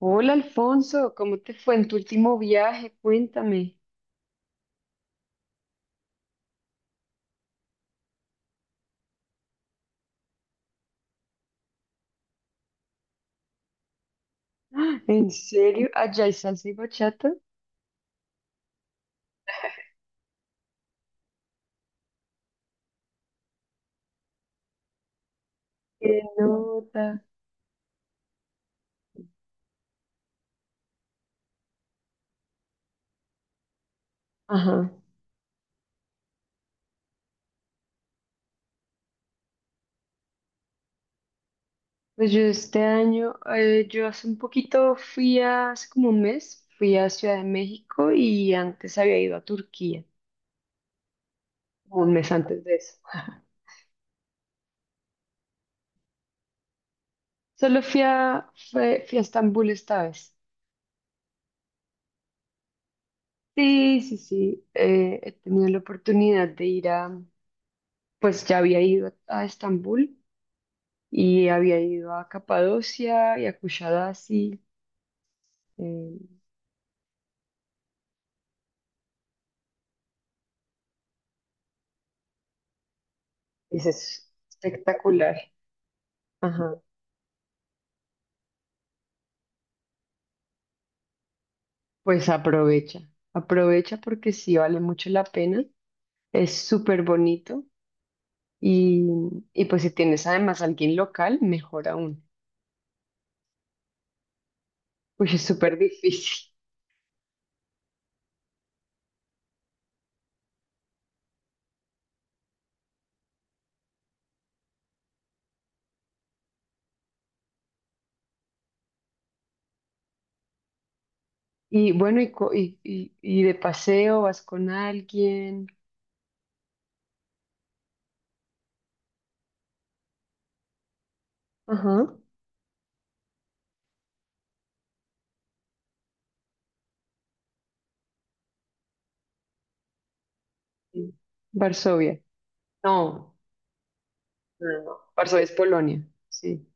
Hola Alfonso, ¿cómo te fue en tu último viaje? Cuéntame. ¿En serio? ¿Allá hay salsa y bachata? ¡Qué nota! Ajá. Pues yo este año, yo hace un poquito fui a, hace como un mes, fui a Ciudad de México y antes había ido a Turquía, como un mes antes de eso. Solo fui a, fui a Estambul esta vez. Sí, sí, sí, he tenido la oportunidad de ir a, pues ya había ido a Estambul y había ido a Capadocia y a Kushadasi. eh, es espectacular. Ajá. Pues aprovecha, aprovecha porque sí vale mucho la pena, es súper bonito y, y pues si tienes además alguien local, mejor aún, pues es súper difícil. Y bueno, y de paseo vas con alguien. Ajá. Sí. Varsovia. No, no, no, no. Varsovia es Polonia, sí.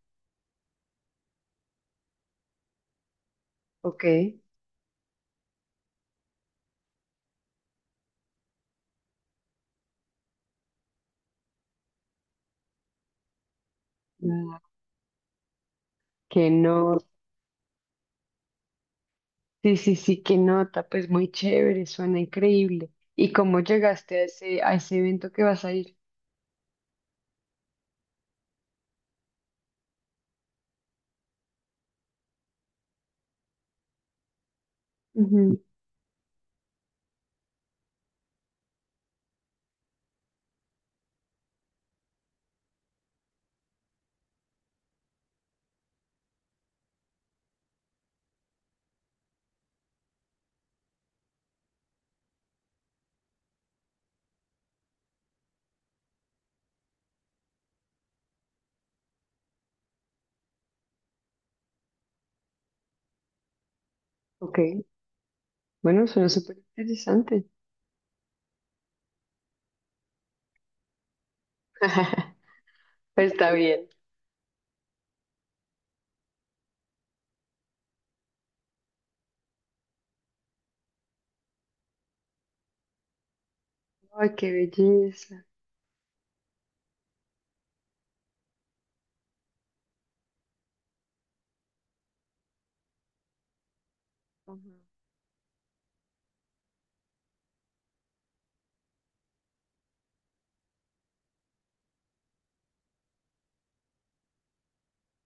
Ok. Mm. ¿Que no? Sí, sí, sí, qué nota, pues muy chévere, suena increíble. ¿Y cómo llegaste a ese evento que vas a ir? Ujú. Ok, bueno, suena súper interesante. Pues está bien. Ay, qué belleza. Ajá.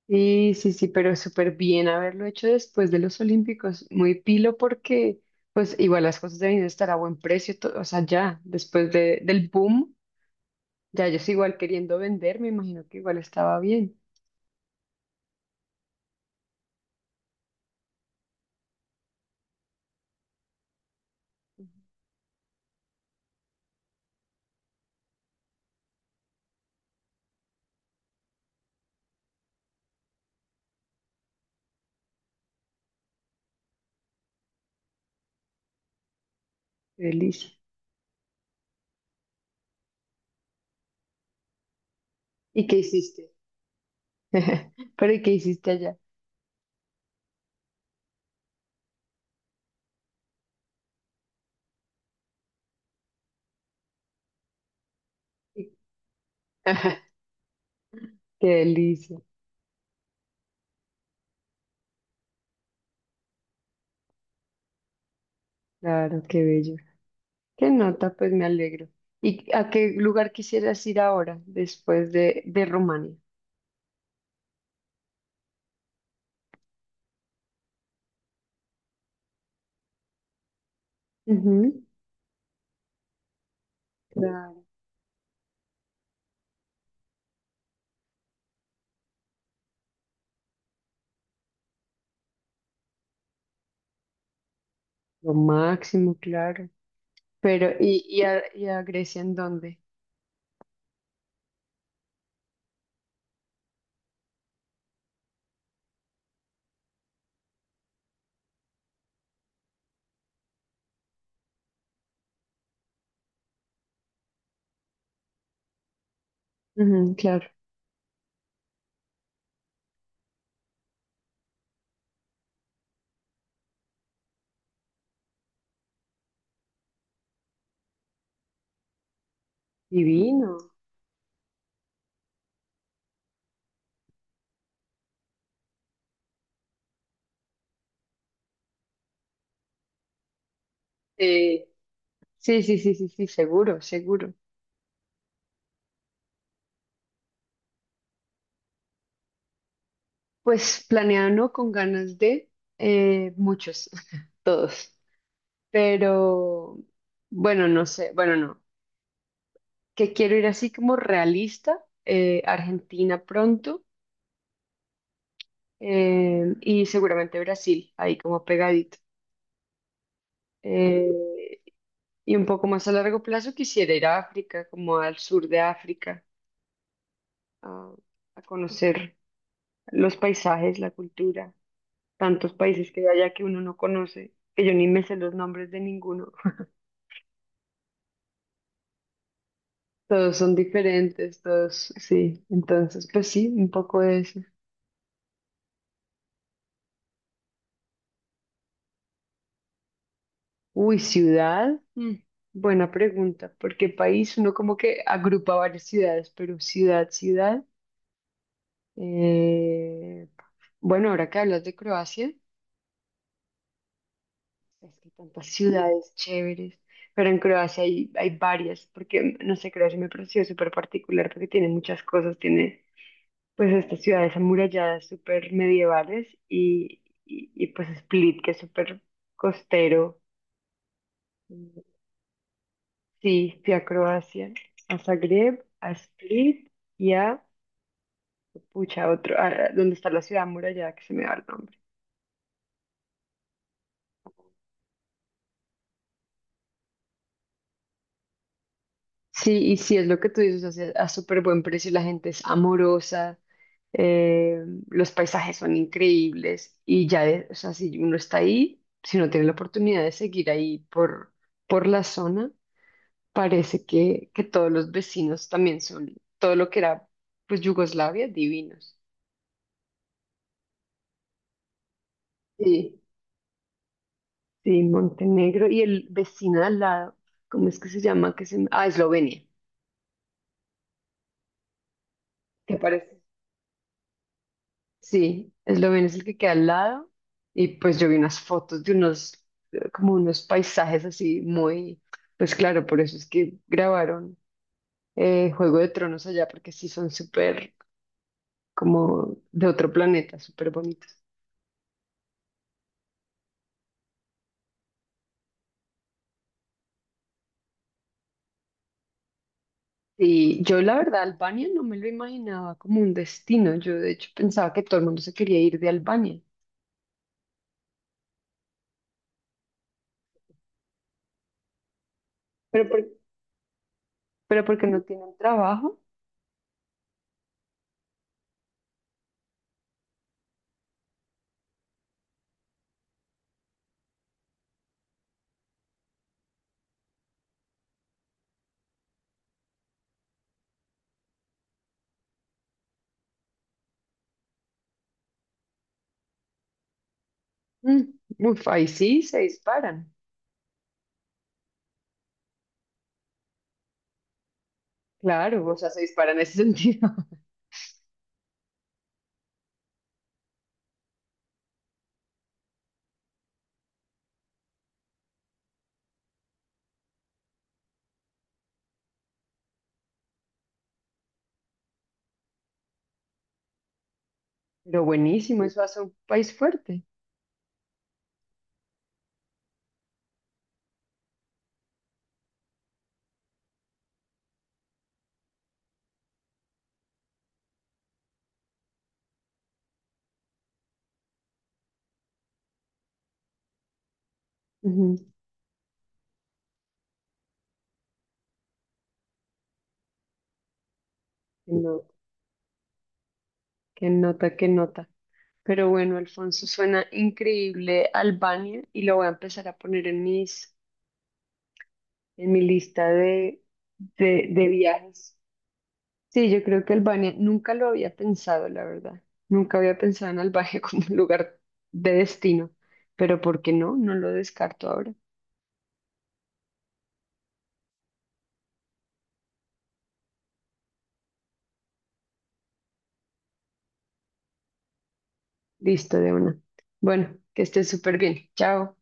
Sí, sí, sí, pero súper bien haberlo hecho después de los Olímpicos. Muy pilo porque, pues, igual las cosas deben estar a buen precio, o sea, ya, después de, del boom, ya ellos igual queriendo vender, me imagino que igual estaba bien. Feliz. ¿Y qué hiciste? Pero ¿y qué hiciste allá? Qué delicia, claro, qué bello. Qué nota, pues me alegro. ¿Y a qué lugar quisieras ir ahora, después de Rumania? Ujú. Claro, lo máximo, claro. Pero, ¿y a Grecia en dónde? Ujú, claro, divino. Eh, sí, sí, sí, sí, sí, seguro, seguro. Pues planeado, ¿no? Con ganas de muchos, todos. Pero, bueno, no sé, bueno, no. Que quiero ir así como realista, Argentina pronto, y seguramente Brasil, ahí como pegadito. Eh, y un poco más a largo plazo quisiera ir a África, como al sur de África, a, a conocer los paisajes, la cultura, tantos países que hay allá que uno no conoce, que yo ni me sé los nombres de ninguno. Todos son diferentes, todos, sí. Entonces, pues sí, un poco de eso. Uy, ciudad. Mm, buena pregunta, porque país uno como que agrupa varias ciudades, pero ciudad, ciudad. eh, bueno, ahora que hablas de Croacia, es que hay tantas ciudades chéveres, pero en Croacia hay, hay varias, porque no sé, Croacia me pareció súper particular porque tiene muchas cosas, tiene pues estas ciudades amuralladas súper medievales y, pues Split, que es súper costero. Sí, fui a Croacia, a Zagreb, a Split y a, pucha, otro, a- donde está la ciudad amurallada que se me va el nombre. Sí, y sí, es lo que tú dices, o sea, a súper buen precio, la gente es amorosa, eh, los paisajes son increíbles y ya, o sea, si uno está ahí, si no tiene la oportunidad de seguir ahí por la zona, parece que todos los vecinos también son, todo lo que era, pues, Yugoslavia, divinos. Sí. Sí, Montenegro y el vecino de al lado, ¿cómo es que se llama? Que se... me- Ah, Eslovenia. ¿Te parece? Sí, Eslovenia es el que queda al lado y pues yo vi unas fotos de unos, como unos paisajes así muy, pues claro, por eso es que grabaron Juego de Tronos allá porque sí son súper como de otro planeta, súper bonitos. Y yo la verdad Albania no me lo imaginaba como un destino, yo de hecho pensaba que todo el mundo se quería ir de Albania, pero, por- pero porque no tienen trabajo. Mm. Uf, ahí sí se disparan, claro, o sea, se disparan en ese sentido. Pero buenísimo, eso hace un país fuerte. Ujú. Qué no- qué nota, qué nota. Pero bueno, Alfonso, suena increíble Albania y lo voy a empezar a poner en mis, en mi lista de viajes. Sí, yo creo que Albania nunca lo había pensado, la verdad. Nunca había pensado en Albania como un lugar de destino. Pero ¿por qué no? No lo descarto ahora. Listo, de una. Bueno, que estés súper bien. Chao.